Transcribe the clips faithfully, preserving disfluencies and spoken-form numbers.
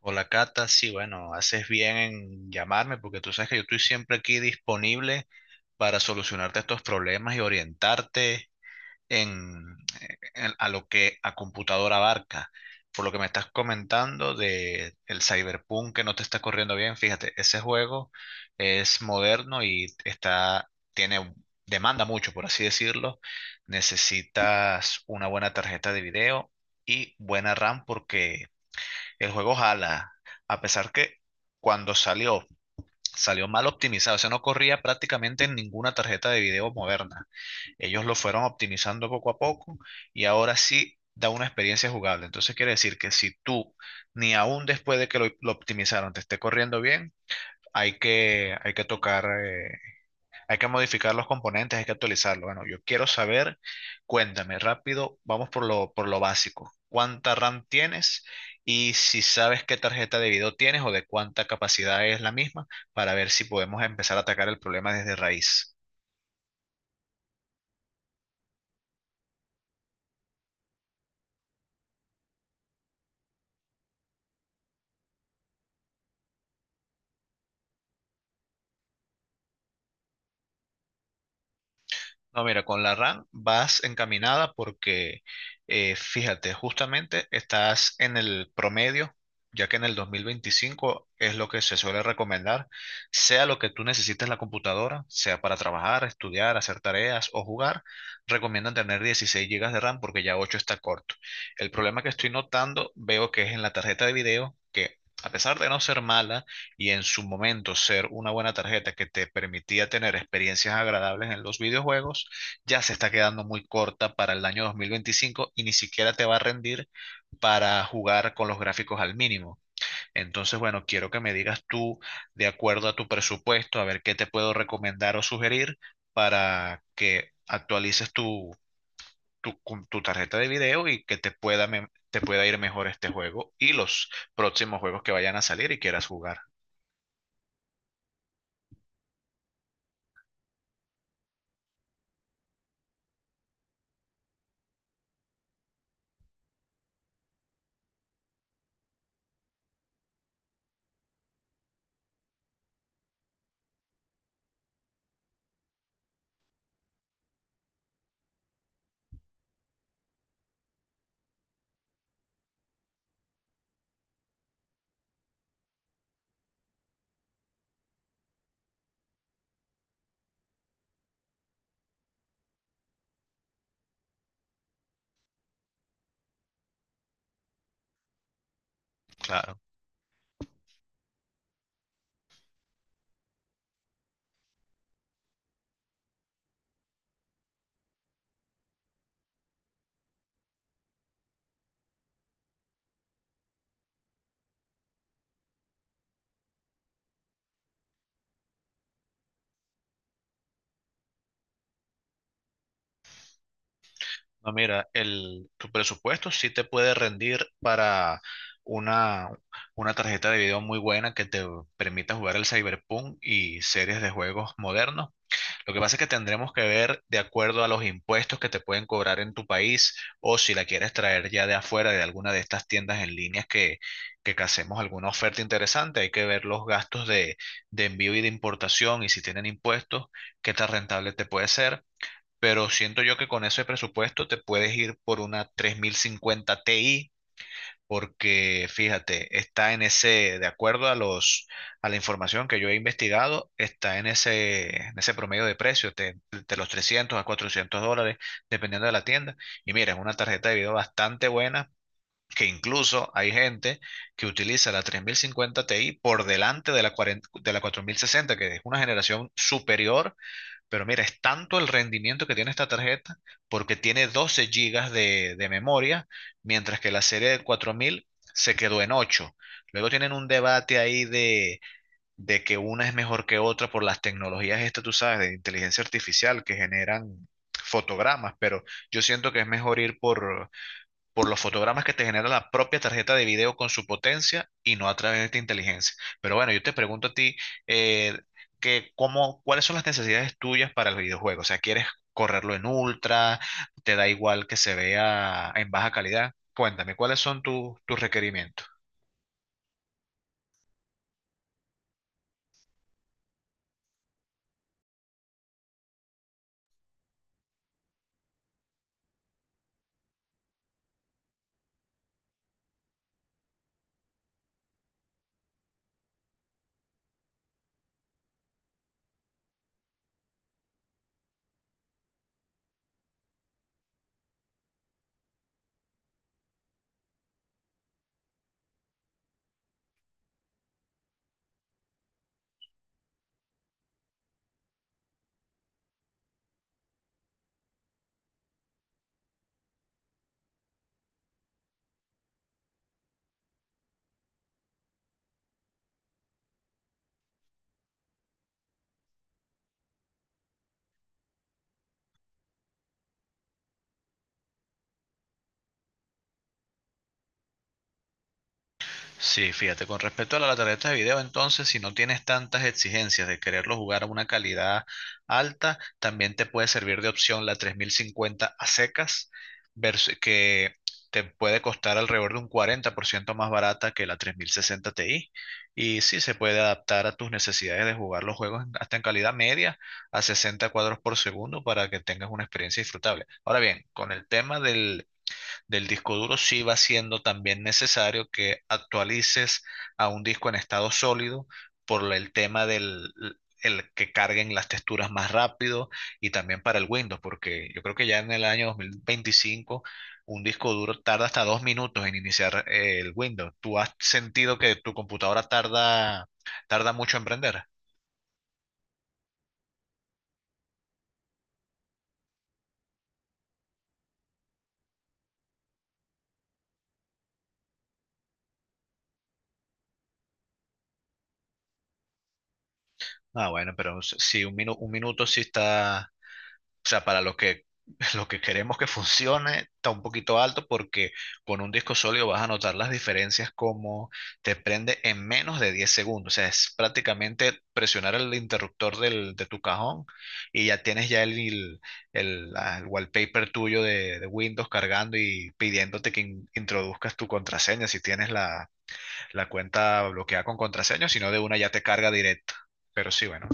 Hola Cata, sí, bueno, haces bien en llamarme porque tú sabes que yo estoy siempre aquí disponible para solucionarte estos problemas y orientarte en, en- a lo que a computadora abarca. Por lo que me estás comentando de el Cyberpunk que no te está corriendo bien, fíjate, ese juego es moderno y está, tiene, demanda mucho, por así decirlo. Necesitas una buena tarjeta de video y buena RAM porque el juego jala, a pesar que cuando salió, salió mal optimizado, o sea, no corría prácticamente en ninguna tarjeta de video moderna. Ellos lo fueron optimizando poco a poco y ahora sí da una experiencia jugable. Entonces quiere decir que si tú, ni aún después de que lo, lo optimizaron, te esté corriendo bien, hay que, hay que tocar eh, hay que modificar los componentes, hay que actualizarlo. Bueno, yo quiero saber, cuéntame rápido, vamos por lo, por lo básico. ¿Cuánta RAM tienes? Y si sabes qué tarjeta de video tienes o de cuánta capacidad es la misma, para ver si podemos empezar a atacar el problema desde raíz. No, mira, con la RAM vas encaminada porque, eh, fíjate, justamente estás en el promedio, ya que en el dos mil veinticinco es lo que se suele recomendar, sea lo que tú necesites la computadora, sea para trabajar, estudiar, hacer tareas o jugar, recomiendan tener dieciséis gigas de RAM porque ya ocho está corto. El problema que estoy notando, veo que es en la tarjeta de video, que a pesar de no ser mala y en su momento ser una buena tarjeta que te permitía tener experiencias agradables en los videojuegos, ya se está quedando muy corta para el año dos mil veinticinco y ni siquiera te va a rendir para jugar con los gráficos al mínimo. Entonces, bueno, quiero que me digas tú, de acuerdo a tu presupuesto, a ver qué te puedo recomendar o sugerir para que actualices tu, tu, con tu tarjeta de video y que te pueda, me- te pueda ir mejor este juego y los próximos juegos que vayan a salir y quieras jugar. Claro. No, mira, el, tu presupuesto sí te puede rendir para una, una tarjeta de video muy buena que te permita jugar el Cyberpunk y series de juegos modernos. Lo que pasa es que tendremos que ver de acuerdo a los impuestos que te pueden cobrar en tu país o si la quieres traer ya de afuera de alguna de estas tiendas en línea que, que hacemos alguna oferta interesante. Hay que ver los gastos de, de envío y de importación y si tienen impuestos, qué tan rentable te puede ser, pero siento yo que con ese presupuesto te puedes ir por una tres mil cincuenta Ti, porque fíjate, está en ese, de acuerdo a los, a la información que yo he investigado, está en ese, en ese promedio de precio, de, de los trescientos a cuatrocientos dólares, dependiendo de la tienda. Y mira, es una tarjeta de video bastante buena, que incluso hay gente que utiliza la tres mil cincuenta Ti por delante de la, cuarenta de la cuatro mil sesenta que es una generación superior, pero mira, es tanto el rendimiento que tiene esta tarjeta porque tiene doce gigas de, de memoria, mientras que la serie de cuatro mil se quedó en ocho. Luego tienen un debate ahí de, de que una es mejor que otra por las tecnologías estas, tú sabes, de inteligencia artificial que generan fotogramas, pero yo siento que es mejor ir por, por los fotogramas que te genera la propia tarjeta de video con su potencia y no a través de esta inteligencia. Pero bueno, yo te pregunto a ti, eh, que cómo, ¿cuáles son las necesidades tuyas para el videojuego? O sea, ¿quieres correrlo en ultra? ¿Te da igual que se vea en baja calidad? Cuéntame, ¿cuáles son tu- tus requerimientos? Sí, fíjate, con respecto a la tarjeta de video, entonces, si no tienes tantas exigencias de quererlo jugar a una calidad alta, también te puede servir de opción la tres mil cincuenta a secas, versus- que te puede costar alrededor de un cuarenta por ciento más barata que la tres mil sesenta Ti. Y sí, se puede adaptar a tus necesidades de jugar los juegos en- hasta en calidad media a sesenta cuadros por segundo para que tengas una experiencia disfrutable. Ahora bien, con el tema del del disco duro, sí va siendo también necesario que actualices a un disco en estado sólido por la- el tema del el que carguen las texturas más rápido y también para el Windows, porque yo creo que ya en el año dos mil veinticinco un disco duro tarda hasta dos minutos en iniciar eh, el Windows. ¿Tú has sentido que tu computadora tarda, tarda mucho en prender? Ah, bueno, pero s- sí, un minu- un minuto sí está, o sea, para lo que, lo que queremos que funcione, está un poquito alto porque con un disco sólido vas a notar las diferencias como te prende en menos de diez segundos. O sea, es prácticamente presionar el interruptor del, de tu cajón y ya tienes ya el, el, el- la- el wallpaper tuyo de, de Windows cargando y pidiéndote que in- introduzcas tu contraseña si tienes la, la cuenta bloqueada con contraseña, sino de una ya te carga directa. Pero sí, bueno,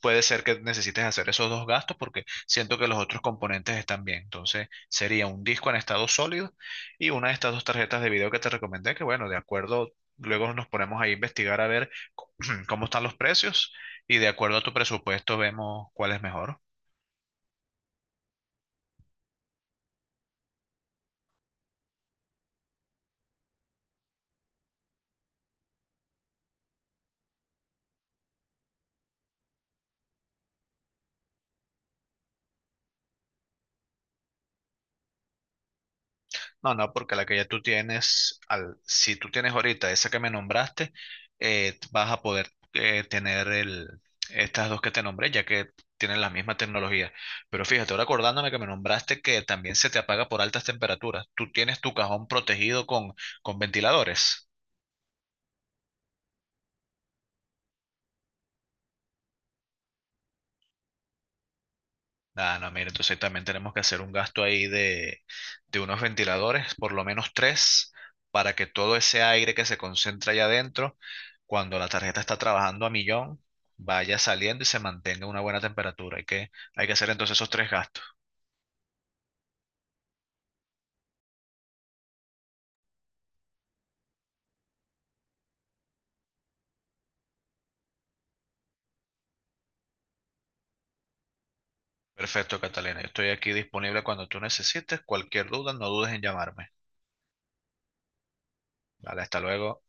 puede ser que necesites hacer esos dos gastos porque siento que los otros componentes están bien. Entonces, sería un disco en estado sólido y una de estas dos tarjetas de video que te recomendé, que bueno, de acuerdo, luego nos ponemos ahí a investigar a ver cómo están los precios y de acuerdo a tu presupuesto vemos cuál es mejor. No, no, porque la que ya tú tienes, al, si tú tienes ahorita esa que me nombraste, eh, vas a poder eh, tener el, estas dos que te nombré, ya que tienen la misma tecnología. Pero fíjate, ahora acordándome que me nombraste que también se te apaga por altas temperaturas. ¿Tú tienes tu cajón protegido con, con ventiladores? Ah, no, mira, entonces también tenemos que hacer un gasto ahí de, de unos ventiladores, por lo menos tres, para que todo ese aire que se concentra allá adentro, cuando la tarjeta está trabajando a millón, vaya saliendo y se mantenga una buena temperatura. Hay que, hay que hacer entonces esos tres gastos. Perfecto, Catalina. Yo estoy aquí disponible cuando tú necesites. Cualquier duda, no dudes en llamarme. Vale, hasta luego.